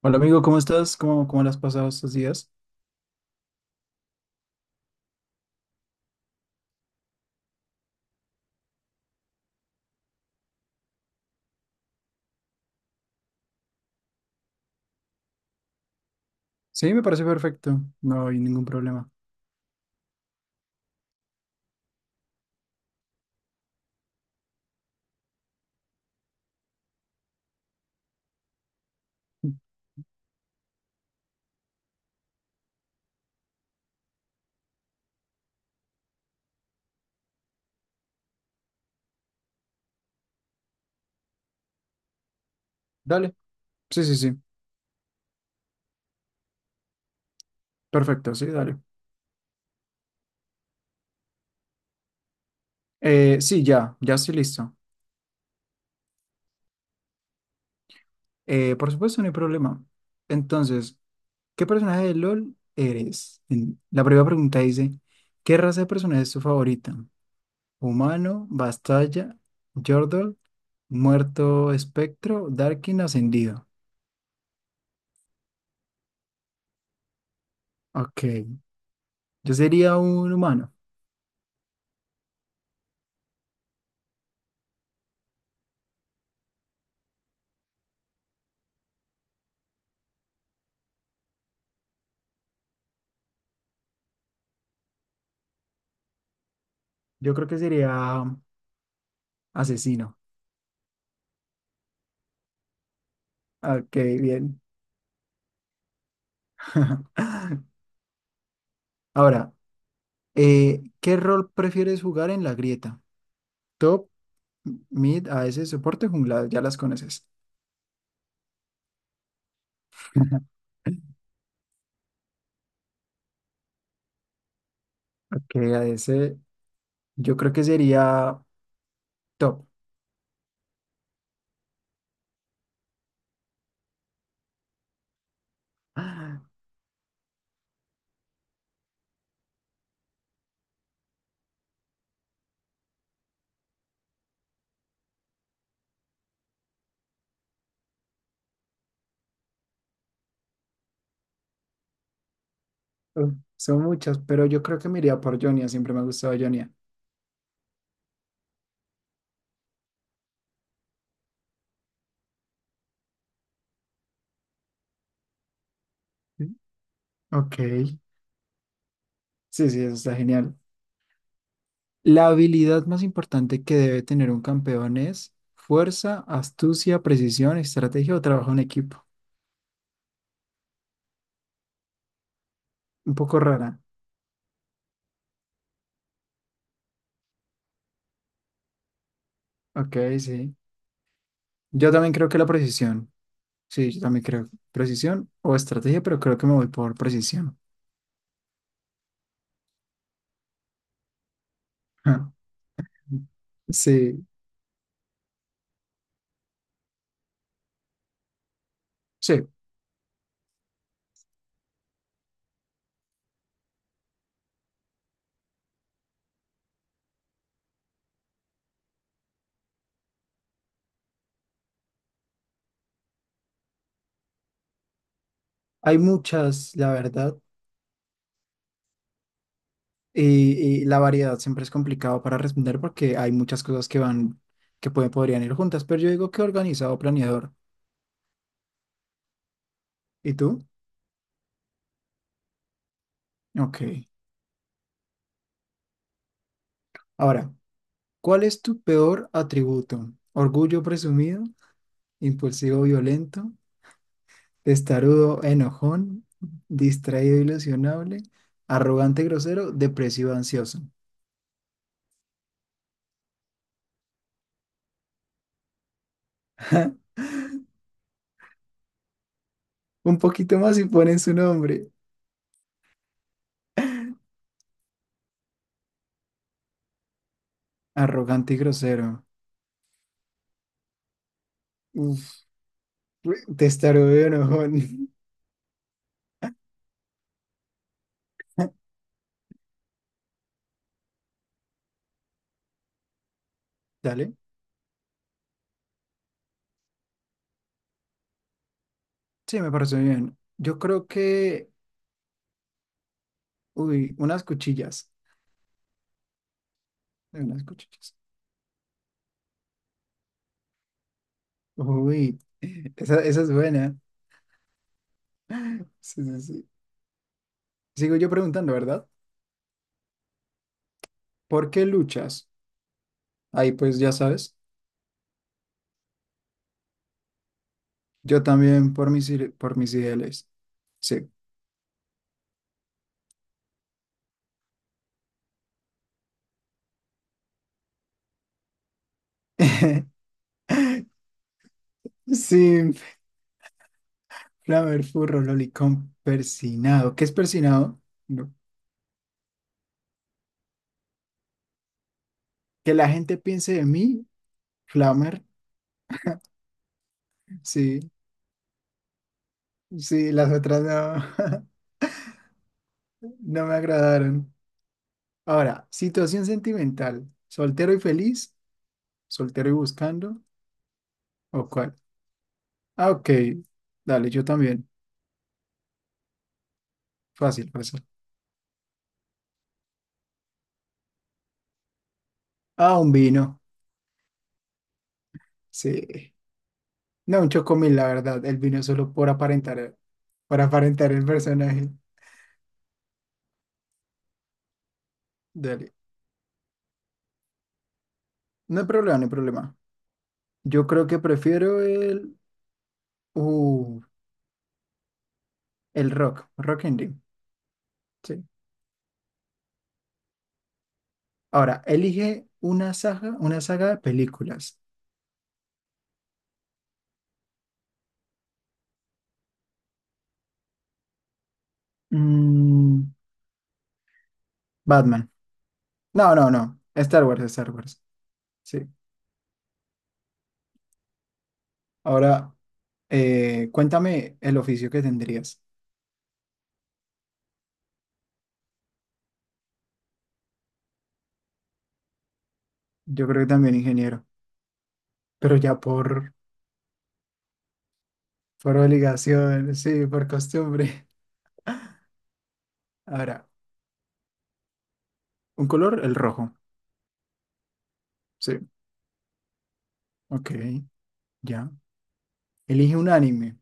Hola amigo, ¿cómo estás? ¿Cómo, cómo las has pasado estos días? Sí, me parece perfecto, no hay ningún problema. Dale, sí, sí, sí, perfecto, sí, dale. Sí, ya estoy listo. Por supuesto, no hay problema. Entonces, ¿qué personaje de LOL eres? La primera pregunta dice, ¿qué raza de personaje es tu favorita? ¿Humano, Bastalla, Yordle, muerto, espectro, Darkin, ascendido? Ok, yo sería un humano, yo creo que sería asesino. Ok, bien. Ahora, ¿qué rol prefieres jugar en la grieta? Top, mid, a AS, soporte, jungla, ya las conoces. Ok, AS, yo creo que sería top. Ah, uf, son muchas, pero yo creo que me iría por Jonia, siempre me ha gustado Jonia. ¿Sí? Ok, sí, sí, eso está genial. La habilidad más importante que debe tener un campeón es fuerza, astucia, precisión, estrategia o trabajo en equipo. Un poco rara. Ok, sí. Yo también creo que la precisión. Sí, yo también creo. Precisión o estrategia, pero creo que me voy por precisión. Ja. Sí, sí. Hay muchas, la verdad. Y la variedad siempre es complicado para responder porque hay muchas cosas que van, que pueden, podrían ir juntas, pero yo digo que organizado, planeador. ¿Y tú? Ok. Ahora, ¿cuál es tu peor atributo? ¿Orgullo presumido? ¿Impulsivo violento? Testarudo, enojón, distraído, ilusionable, arrogante, grosero, depresivo, ansioso. Un poquito más y ponen su nombre. Arrogante y grosero. Uf, testarudo y enojón. Dale. Sí, me parece bien. Yo creo que… Uy, unas cuchillas. Unas cuchillas. Uy, esa es buena. Sí, sí, sí. Sigo yo preguntando, ¿verdad? ¿Por qué luchas? Ahí pues ya sabes. Yo también por por mis ideales. Sí. Sí, flamer, furro, lolicón, persinado. ¿Qué es persinado? No. Que la gente piense de mí, flamer. Sí, sí, las otras no, no me agradaron. Ahora, situación sentimental. ¿Soltero y feliz? ¿Soltero y buscando? ¿O cuál? Ah, ok. Dale, yo también. Fácil, fácil. Ah, un vino. Sí. No, un chocomil, la verdad. El vino es solo por aparentar el personaje. Dale. No hay problema, no hay problema. Yo creo que prefiero uh, el rock, rock indie. Sí. Ahora, elige una saga de películas. Mm, Batman. No. Star Wars, Star Wars. Sí. Ahora, cuéntame el oficio que tendrías. Yo creo que también ingeniero, pero ya por obligación, sí, por costumbre. Ahora, un color, el rojo. Sí. Ok, ya. Elige un anime.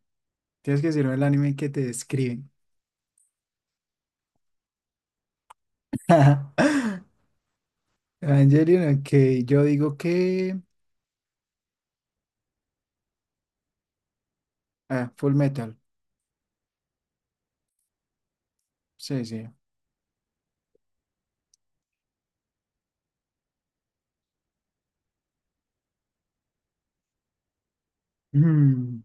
Tienes que decirme el anime que te describe. Evangelion, ok. Yo digo que. Ah, Full Metal. Sí, sí. Mm,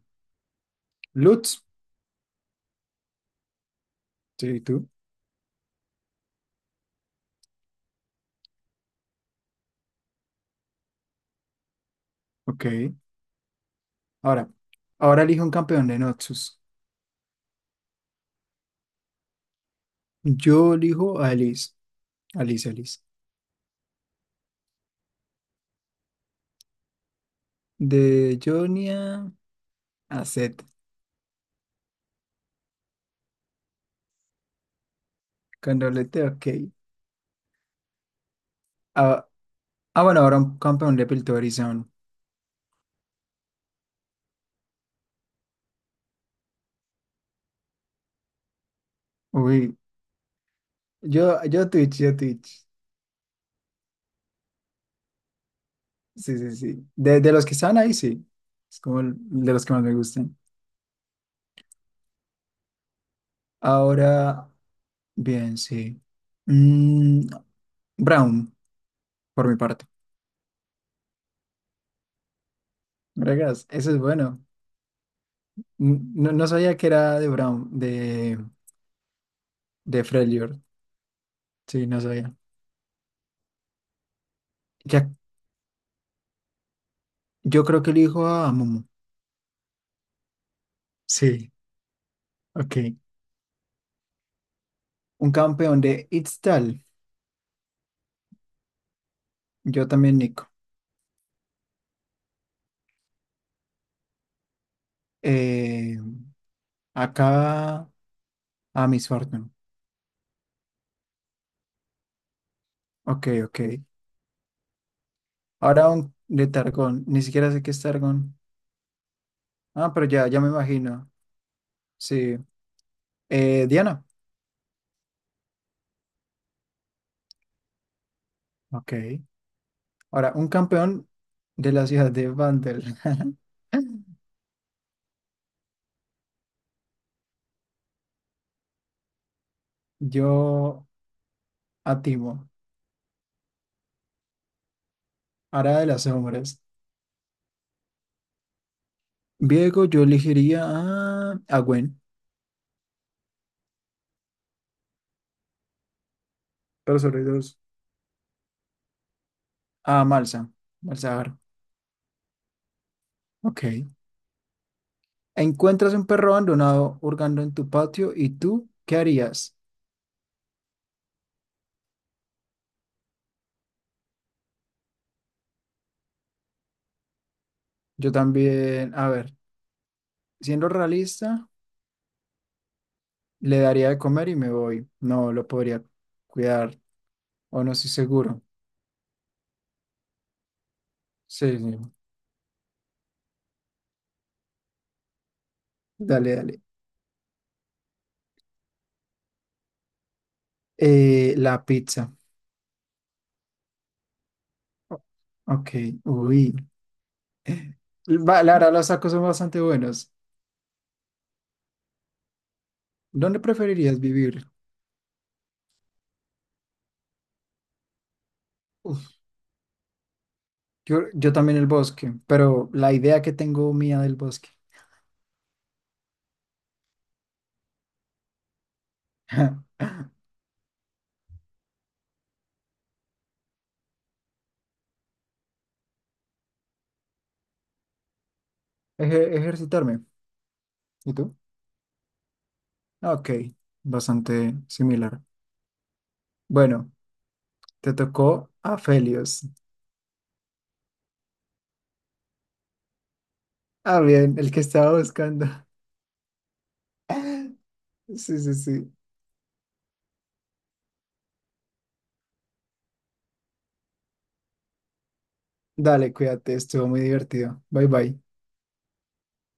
Lutz. Sí, tú. Ok. Ahora, ahora elijo un campeón de Noxus. Yo elijo a Alice. Alice, Alice. De Jonia a Zed. Con doblete, ok. Ah, bueno, ahora un campeón de Piltorizon. Uy. Yo Twitch, yo Twitch. Sí, sí, sí. De los que están ahí, sí. Es como de los que más me gustan. Ahora. Bien, sí. Mm, Brown, por mi parte. Vergas, eso es bueno. Mm, no, no sabía que era de Brown, de Freljord. Sí, no sabía. Ya, yo creo que elijo a Momo. Sí, ok. Un campeón de Itztal. Yo también, Nico. Eh, Acá a Miss Fortune. Ok, ok. Ahora un de Targón. Ni siquiera sé qué es Targón. Ah, pero ya, ya me imagino. Sí. Diana. Ok. Ahora, un campeón de la ciudad de Vandal. Yo a Timo. Ahora de las sombras. Viego, yo elegiría a Gwen. Pero sobre dos. A Malsa. Malzahar. Ok. Encuentras un perro abandonado hurgando en tu patio y tú, ¿qué harías? Yo también, a ver, siendo realista, le daría de comer y me voy. No lo podría cuidar o no estoy seguro. Sí, sí. Dale, dale. La pizza. O- Ok, uy. Eh, va, la verdad, los tacos son bastante buenos. ¿Dónde preferirías vivir? Uf, yo también el bosque, pero la idea que tengo mía del bosque. Ejercitarme. ¿Y tú? Ok, bastante similar. Bueno, te tocó a Felios. Ah, bien, el que estaba buscando. Sí, sí, sí. Dale, cuídate, estuvo muy divertido. Bye, bye.